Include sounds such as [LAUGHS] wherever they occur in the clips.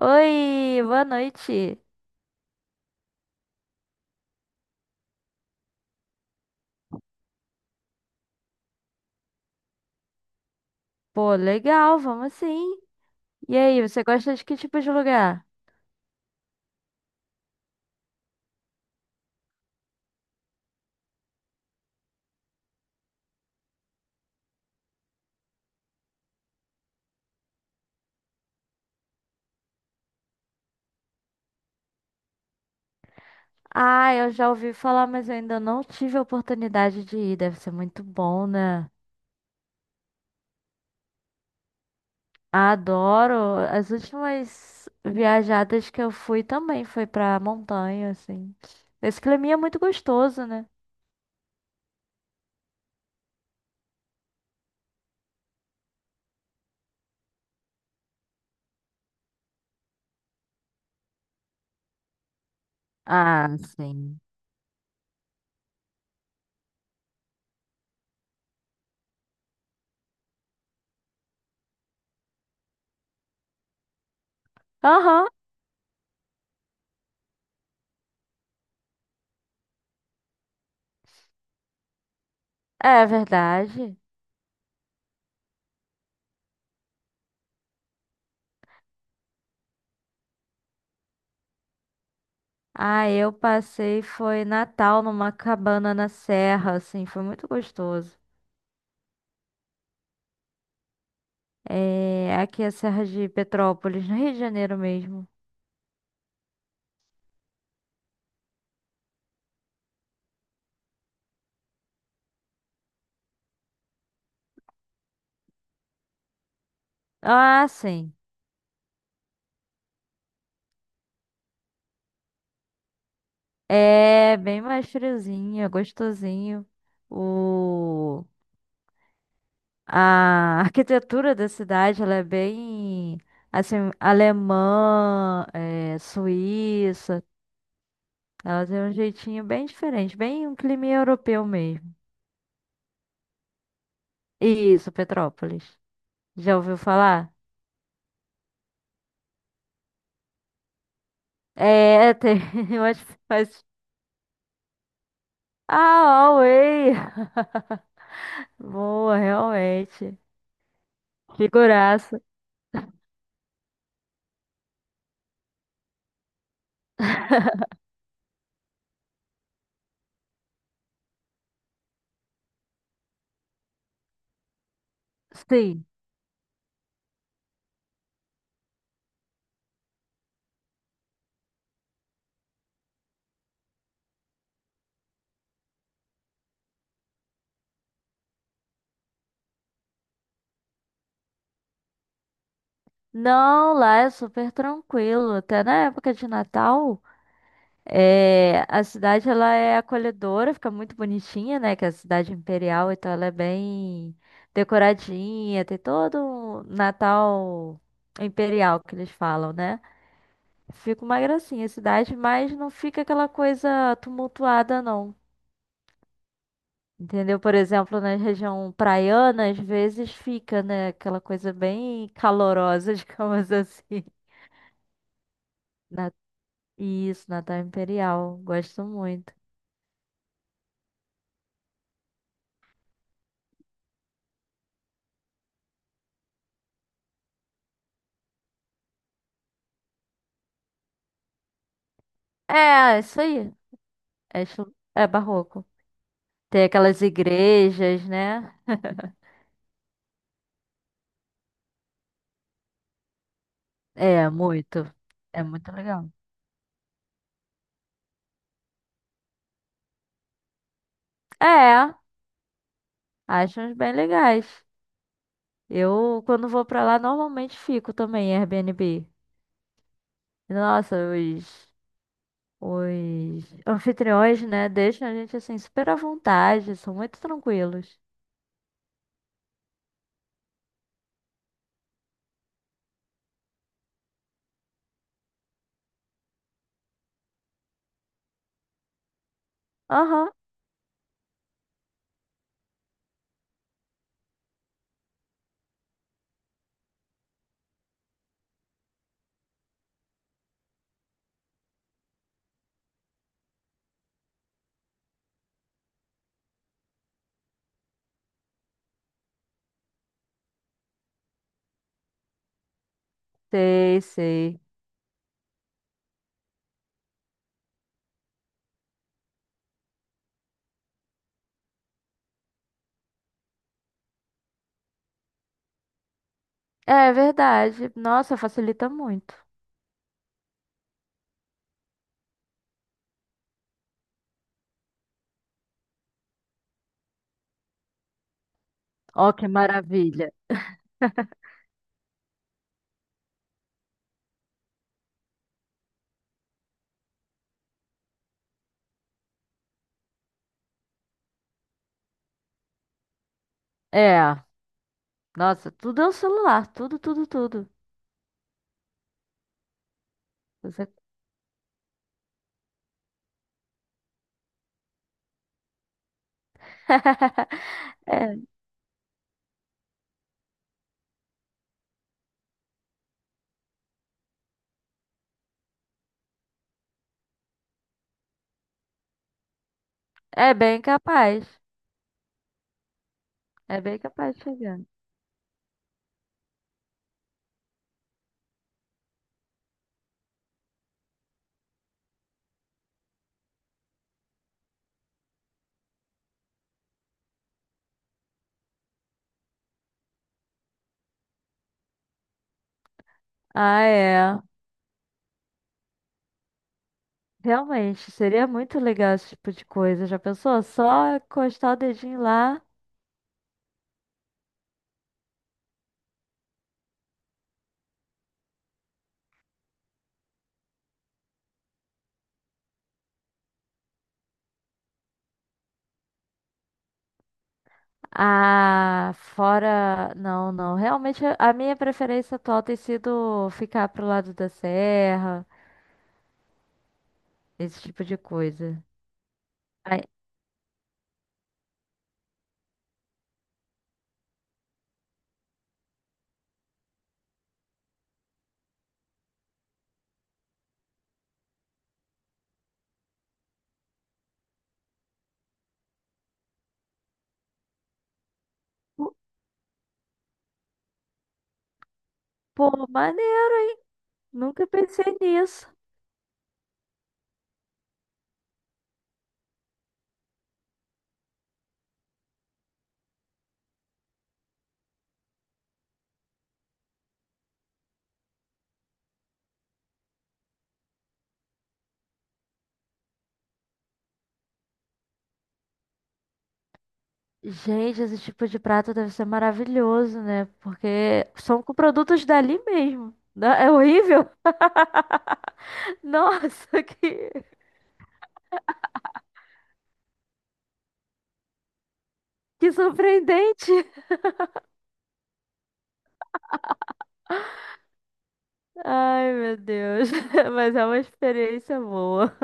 Oi, boa noite. Pô, legal, vamos sim. E aí, você gosta de que tipo de lugar? Ah, eu já ouvi falar, mas eu ainda não tive a oportunidade de ir. Deve ser muito bom, né? Adoro. As últimas viajadas que eu fui também foi pra montanha, assim. Esse climinha é muito gostoso, né? Ah, sim. Aham, é verdade. Ah, eu passei, foi Natal numa cabana na serra, assim, foi muito gostoso. É, aqui é a Serra de Petrópolis, no Rio de Janeiro mesmo. Ah, sim. É bem mais friozinho, é gostosinho. O... A arquitetura da cidade, ela é bem, assim, alemã, é, suíça. Ela tem um jeitinho bem diferente, bem um clima europeu mesmo. Isso, Petrópolis. Já ouviu falar? É, é, tem [LAUGHS] umas... umas- Ah, Huawei! [LAUGHS] Boa, realmente. Figuraça. Sim. Não, lá é super tranquilo. Até na época de Natal, é, a cidade ela é acolhedora, fica muito bonitinha, né? Que é a cidade imperial, então ela é bem decoradinha, tem todo um Natal imperial que eles falam, né? Fica uma gracinha a cidade, mas não fica aquela coisa tumultuada, não. Entendeu? Por exemplo, na região praiana, às vezes fica, né, aquela coisa bem calorosa, [LAUGHS] digamos assim. Na- Isso, Natal Imperial. Gosto muito. É, isso aí. É, estilo- é barroco. Tem aquelas igrejas, né? É, muito. É muito legal. É, acho uns bem legais. Eu, quando vou pra lá, normalmente fico também em Airbnb. Nossa, os anfitriões, né? Deixam a gente assim super à vontade, são muito tranquilos. Aham, sei, sei. É verdade. Nossa, facilita muito. Ó, que maravilha. [LAUGHS] É, nossa, tudo é o celular, tudo, tudo, tudo. Você- [LAUGHS] É, é bem capaz. É bem capaz de chegar. Ah, é. Realmente, seria muito legal esse tipo de coisa. Já pensou? Só encostar o dedinho lá. Ah, fora. Não, não. Realmente, a minha preferência atual tem sido ficar pro lado da serra, esse tipo de coisa. Ai, pô, pô, maneiro, hein? Nunca pensei nisso. Gente, esse tipo de prato deve ser maravilhoso, né? Porque são com produtos dali mesmo. Não- É horrível? [LAUGHS] Nossa, que surpreendente! Ai, meu Deus. [LAUGHS] Mas é uma experiência boa.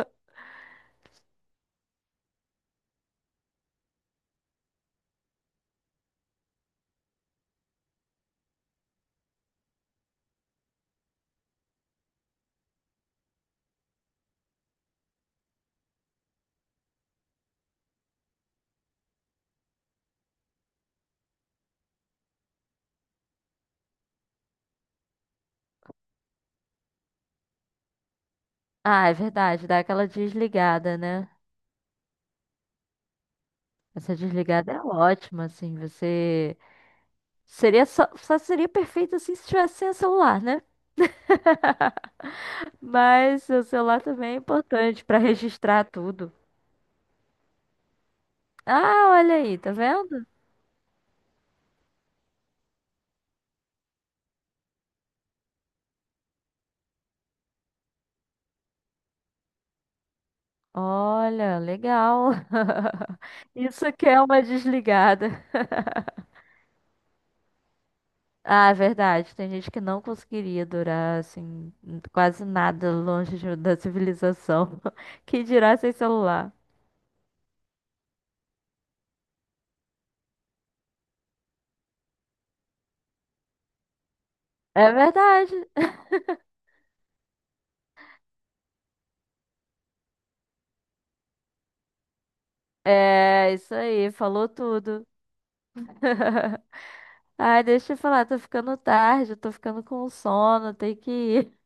Ah, é verdade, dá aquela desligada, né? Essa desligada é ótima, assim, você... Seria só seria perfeito, assim, se tivesse sem o celular, né? Mas o celular também é importante pra registrar tudo. Ah, olha aí, tá vendo? Olha, legal. [LAUGHS] Isso que é uma desligada. [LAUGHS] Ah, é verdade. Tem gente que não conseguiria durar assim quase nada longe de- da civilização. [LAUGHS] Que dirá sem celular? É verdade. É, isso aí, falou tudo. [LAUGHS] Ai, deixa eu falar, tô ficando tarde, tô ficando com sono, tem que ir.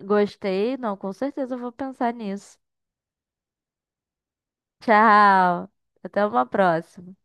Gostei? Não, com certeza eu vou pensar nisso. Tchau. Até uma próxima.